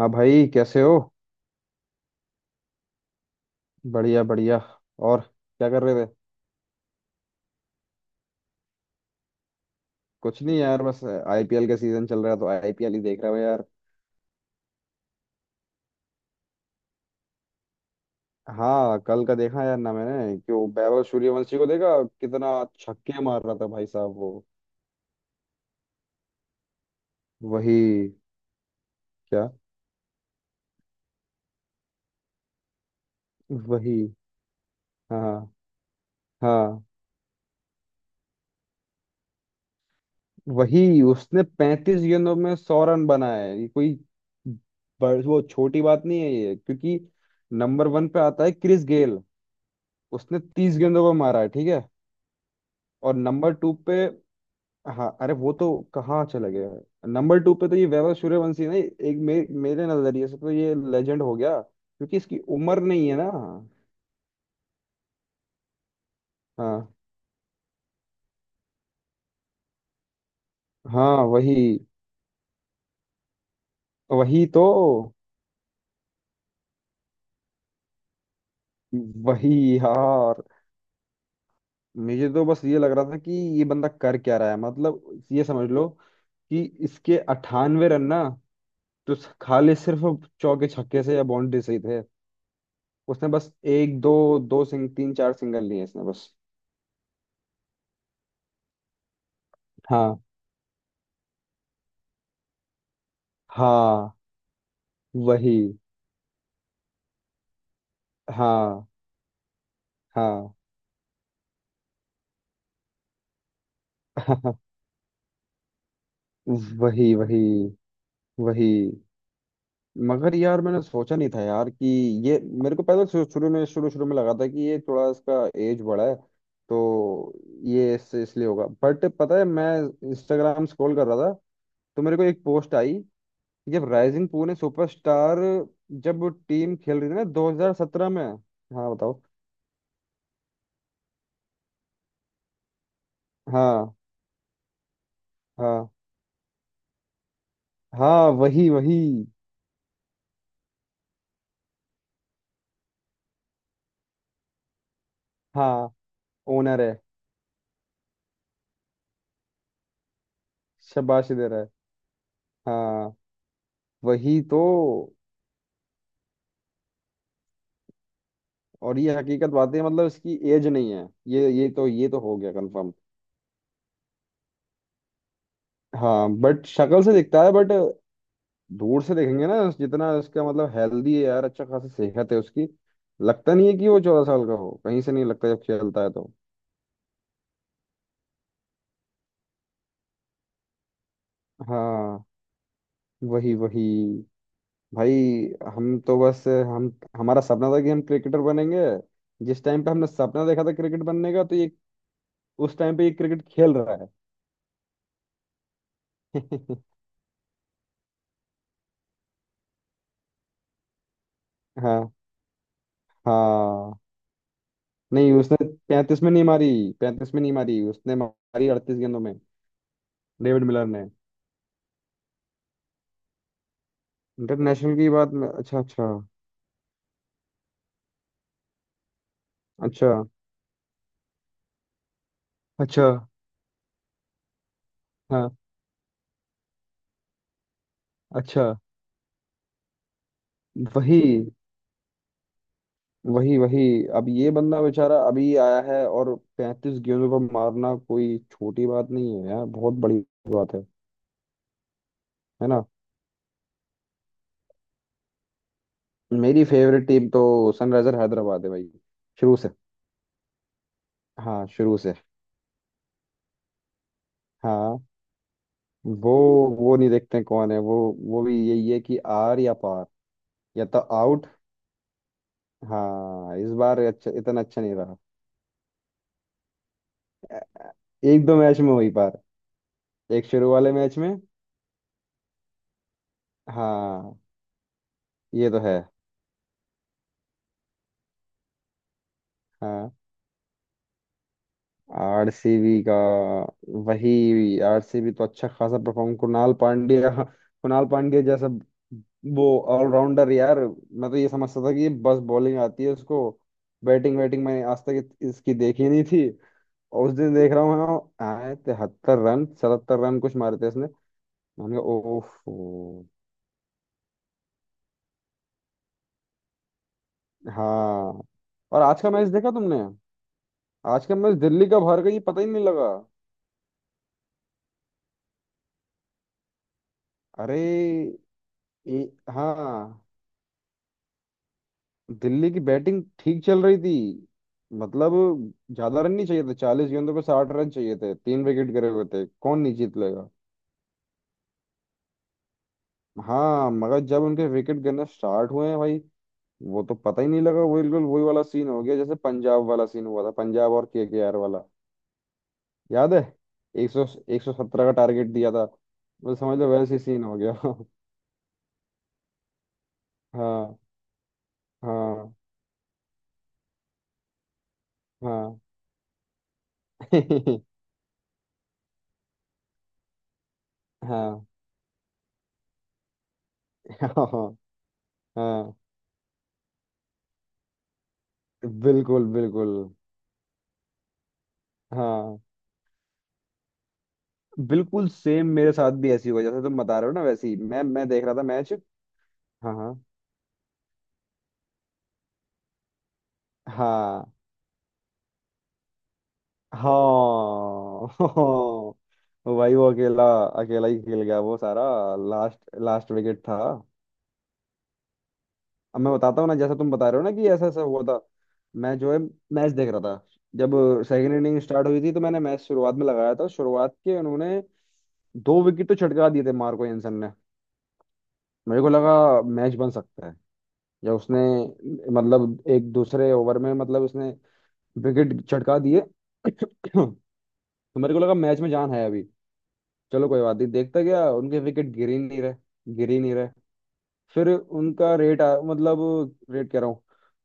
हाँ भाई, कैसे हो? बढ़िया बढ़िया। और क्या कर रहे थे? कुछ नहीं यार, बस आईपीएल का सीजन चल रहा है तो आईपीएल ही देख रहा हूँ यार। हाँ कल का देखा यार ना मैंने, कि वो वैभव सूर्यवंशी को देखा कितना छक्के मार रहा था भाई साहब वो। वही क्या? वही। हाँ हाँ वही, उसने 35 गेंदों में 100 रन बनाए, ये कोई वो छोटी बात नहीं है ये, क्योंकि नंबर वन पे आता है क्रिस गेल, उसने 30 गेंदों पर मारा है, ठीक है। और नंबर टू पे, हाँ अरे वो तो कहाँ चला गया है। नंबर टू पे तो ये वैभव सूर्यवंशी ना एक मेरे नजरिए से तो ये लेजेंड हो गया, क्योंकि इसकी उम्र नहीं है ना। हाँ हाँ वही। वही तो वही यार, मुझे तो बस ये लग रहा था कि ये बंदा कर क्या रहा है, मतलब ये समझ लो कि इसके 98 रन ना तो खाली सिर्फ चौके छक्के से या बाउंड्री से ही थे। उसने बस एक दो दो सिंग तीन चार सिंगल लिए इसने बस। हाँ हाँ वही। हाँ हाँ वही वही वही। मगर यार मैंने सोचा नहीं था यार कि ये मेरे को पहले शु- शुरू में शुरू शुरू में लगा था कि ये थोड़ा इसका एज बड़ा है, तो ये इससे इसलिए होगा, बट पता है मैं इंस्टाग्राम स्क्रॉल कर रहा था तो मेरे को एक पोस्ट आई कि जब राइजिंग पुणे सुपरस्टार, जब टीम खेल रही थी ना 2017 में। हाँ बताओ। हाँ हाँ। हाँ वही वही। हाँ ओनर है। शाबाश दे रहा है। हाँ वही तो। और ये हकीकत बातें हैं, मतलब इसकी एज नहीं है, ये तो ये तो हो गया कंफर्म। हाँ बट शक्ल से दिखता है, बट दूर से देखेंगे ना जितना इसका मतलब हेल्दी है यार, अच्छा खासा सेहत है उसकी, लगता नहीं है कि वो 14 साल का हो, कहीं से नहीं लगता जब खेलता है तो। हाँ वही वही। भाई हम तो बस हम हमारा सपना था कि हम क्रिकेटर बनेंगे, जिस टाइम पे हमने सपना देखा था क्रिकेट बनने का, तो ये उस टाइम पे ये क्रिकेट खेल रहा है। हाँ हाँ। नहीं उसने पैंतीस में नहीं मारी, पैंतीस में नहीं मारी, उसने मारी 38 गेंदों में, डेविड मिलर ने। इंटरनेशनल की बात में अच्छा अच्छा। अच्छा अच्छा। हाँ। अच्छा। वही वही वही। अब ये बंदा बेचारा अभी आया है, और 35 गेंदों पर मारना कोई छोटी बात नहीं है यार, बहुत बड़ी बात है। है ना? मेरी फेवरेट टीम तो सनराइजर हैदराबाद है भाई, शुरू से। हाँ शुरू से। हाँ वो वो नहीं देखते कौन है वो भी यही है कि आर या पार, या तो आउट। हाँ इस बार अच्छा इतना अच्छा नहीं रहा, एक दो मैच में हुई पार। एक शुरू वाले मैच में हाँ। ये तो है। हाँ आरसीबी का। वही, आरसीबी तो अच्छा खासा परफॉर्म, कुणाल पांड्या, कुणाल पांड्या जैसा वो ऑलराउंडर यार। मैं तो ये समझता था कि बस बॉलिंग आती है उसको, बैटिंग बैटिंग मैंने आज तक इसकी देखी नहीं थी। और उस दिन देख रहा हूँ, हाँ आए 73 रन 77 रन कुछ मारे थे इसने, मैंने कहा ओफ। हाँ और आज का मैच देखा तुमने? आज का मैच दिल्ली कब हार गई पता ही नहीं लगा। अरे ये, हाँ दिल्ली की बैटिंग ठीक चल रही थी, मतलब ज्यादा रन नहीं चाहिए थे, 40 गेंदों पे 60 रन चाहिए थे, तीन विकेट गिरे हुए थे, कौन नहीं जीत लेगा। हाँ मगर जब उनके विकेट गिरना स्टार्ट हुए हैं भाई, वो तो पता ही नहीं लगा, वो बिल्कुल वही वाला सीन हो गया जैसे पंजाब वाला सीन हुआ था, पंजाब और केकेआर वाला, याद है? एक सौ, 117 का टारगेट दिया था, वो समझ लो वैसे सीन हो गया। हाँ हाँ हाँ हाँ हाँ हाँ बिल्कुल बिल्कुल। हाँ बिल्कुल सेम मेरे साथ भी ऐसी हुआ जैसे तुम बता रहे हो ना वैसी ही। मैं देख रहा था मैच। हाँ हाँ हाँ हाँ। भाई वो अकेला अकेला ही खेल गया वो सारा, लास्ट, लास्ट विकेट था। अब मैं बताता हूँ ना जैसा तुम बता रहे हो ना कि ऐसा ऐसा हुआ था, मैं जो है मैच देख रहा था, जब सेकंड इनिंग स्टार्ट हुई थी, तो मैंने मैच शुरुआत में लगाया था, शुरुआत के उन्होंने दो विकेट तो छटका दिए थे मार्को एंसन ने। मेरे को लगा मैच बन सकता है, या उसने मतलब एक दूसरे ओवर में मतलब उसने विकेट छटका दिए तो मेरे को लगा मैच में जान है अभी। चलो कोई बात नहीं देखता गया, उनके विकेट गिर ही नहीं रहे, गिर ही नहीं रहे। फिर उनका रेट मतलब रेट कह रहा हूँ,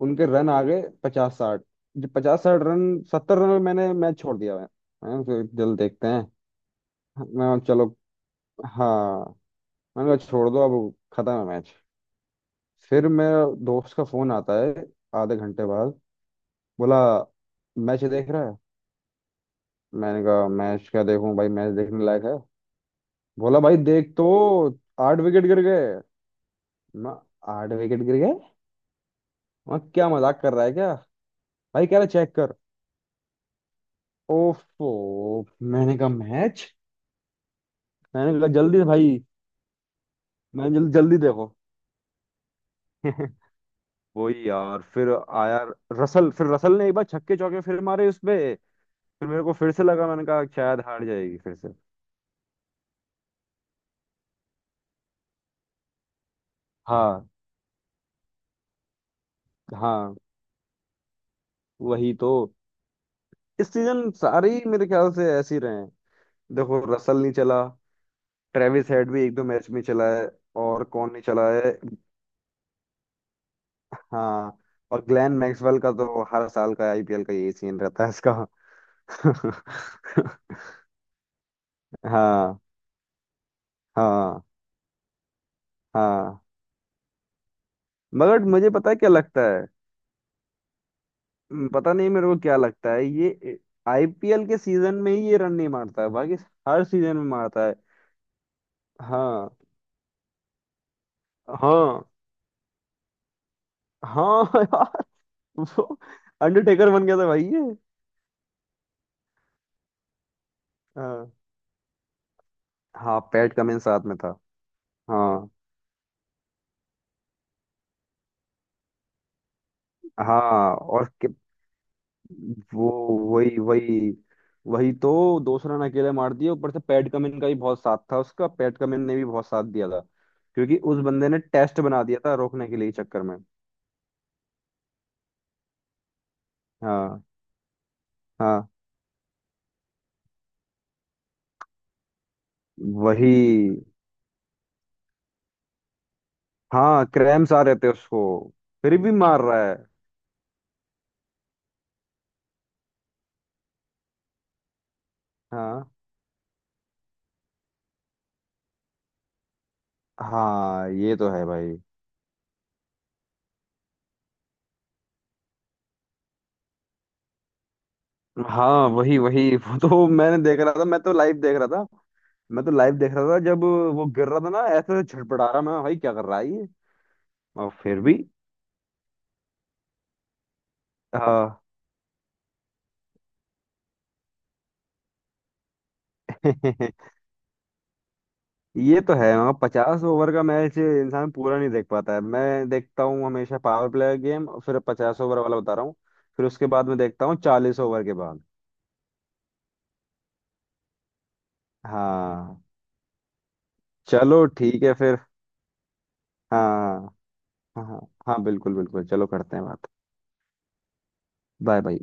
उनके रन आ गए पचास साठ, जो पचास साठ रन सत्तर रन में मैंने मैच छोड़ दिया, मैं फिर जल्द देखते हैं, मैं चलो। हाँ मैंने कहा छोड़ दो अब खत्म है मैच। फिर मेरा दोस्त का फोन आता है आधे घंटे बाद, बोला मैच देख रहा है? मैंने कहा मैच क्या देखूं भाई, मैच देखने लायक है? बोला भाई देख तो, 8 विकेट गिर गए। मैं, 8 विकेट गिर गए? मैं क्या, मजाक कर रहा है क्या? भाई कह रहा चेक कर, ओफो। मैंने कहा मैच, मैंने कहा जल्दी भाई। मैंने जल्दी जल्दी देखो। वही यार फिर आया रसल, फिर रसल ने एक बार छक्के चौके फिर मारे उसपे। फिर मेरे को फिर से लगा, मैंने कहा शायद हार जाएगी फिर से। हाँ हाँ वही तो। इस सीजन सारे ही मेरे ख्याल से ऐसे ही रहे हैं, देखो रसल नहीं चला, ट्रेविस हेड भी एक दो मैच में चला है, और कौन नहीं चला है। हाँ और ग्लेन मैक्सवेल का तो हर साल का आईपीएल का यही सीन रहता है इसका। हाँ हाँ हाँ मगर मुझे पता है क्या लगता है, पता नहीं मेरे को क्या लगता है, ये आईपीएल के सीजन में ही ये रन नहीं मारता है, बाकी हर सीजन में मारता है। हाँ हाँ हाँ यार वो अंडरटेकर बन गया था भाई ये। हाँ हाँ पैट कमिंस साथ में था। हाँ हाँ और वो वही वही। वही तो दो रन अकेले मार दिए, ऊपर से पैट कमिंस का भी बहुत साथ था उसका, पैट कमिंस ने भी बहुत साथ दिया था, क्योंकि उस बंदे ने टेस्ट बना दिया था रोकने के लिए इस चक्कर में। हाँ हाँ वही। हाँ क्रैम्स आ रहे थे उसको, फिर भी मार रहा है। हाँ हाँ ये तो है भाई। हाँ वही वही, वो तो मैंने देख रहा था, मैं तो लाइव देख रहा था। मैं तो लाइव देख रहा था जब वो गिर रहा था ना, ऐसे छटपटा रहा, मैं भाई क्या कर रहा है ये, और फिर भी। हाँ ये तो है, मगर 50 ओवर का मैच इंसान पूरा नहीं देख पाता है, मैं देखता हूँ हमेशा पावर प्ले गेम, फिर 50 ओवर वाला बता रहा हूँ, फिर उसके बाद मैं देखता हूँ 40 ओवर के बाद। हाँ चलो ठीक है फिर। हाँ हाँ हाँ। हाँ, बिल्कुल बिल्कुल चलो करते हैं बात। Bye bye.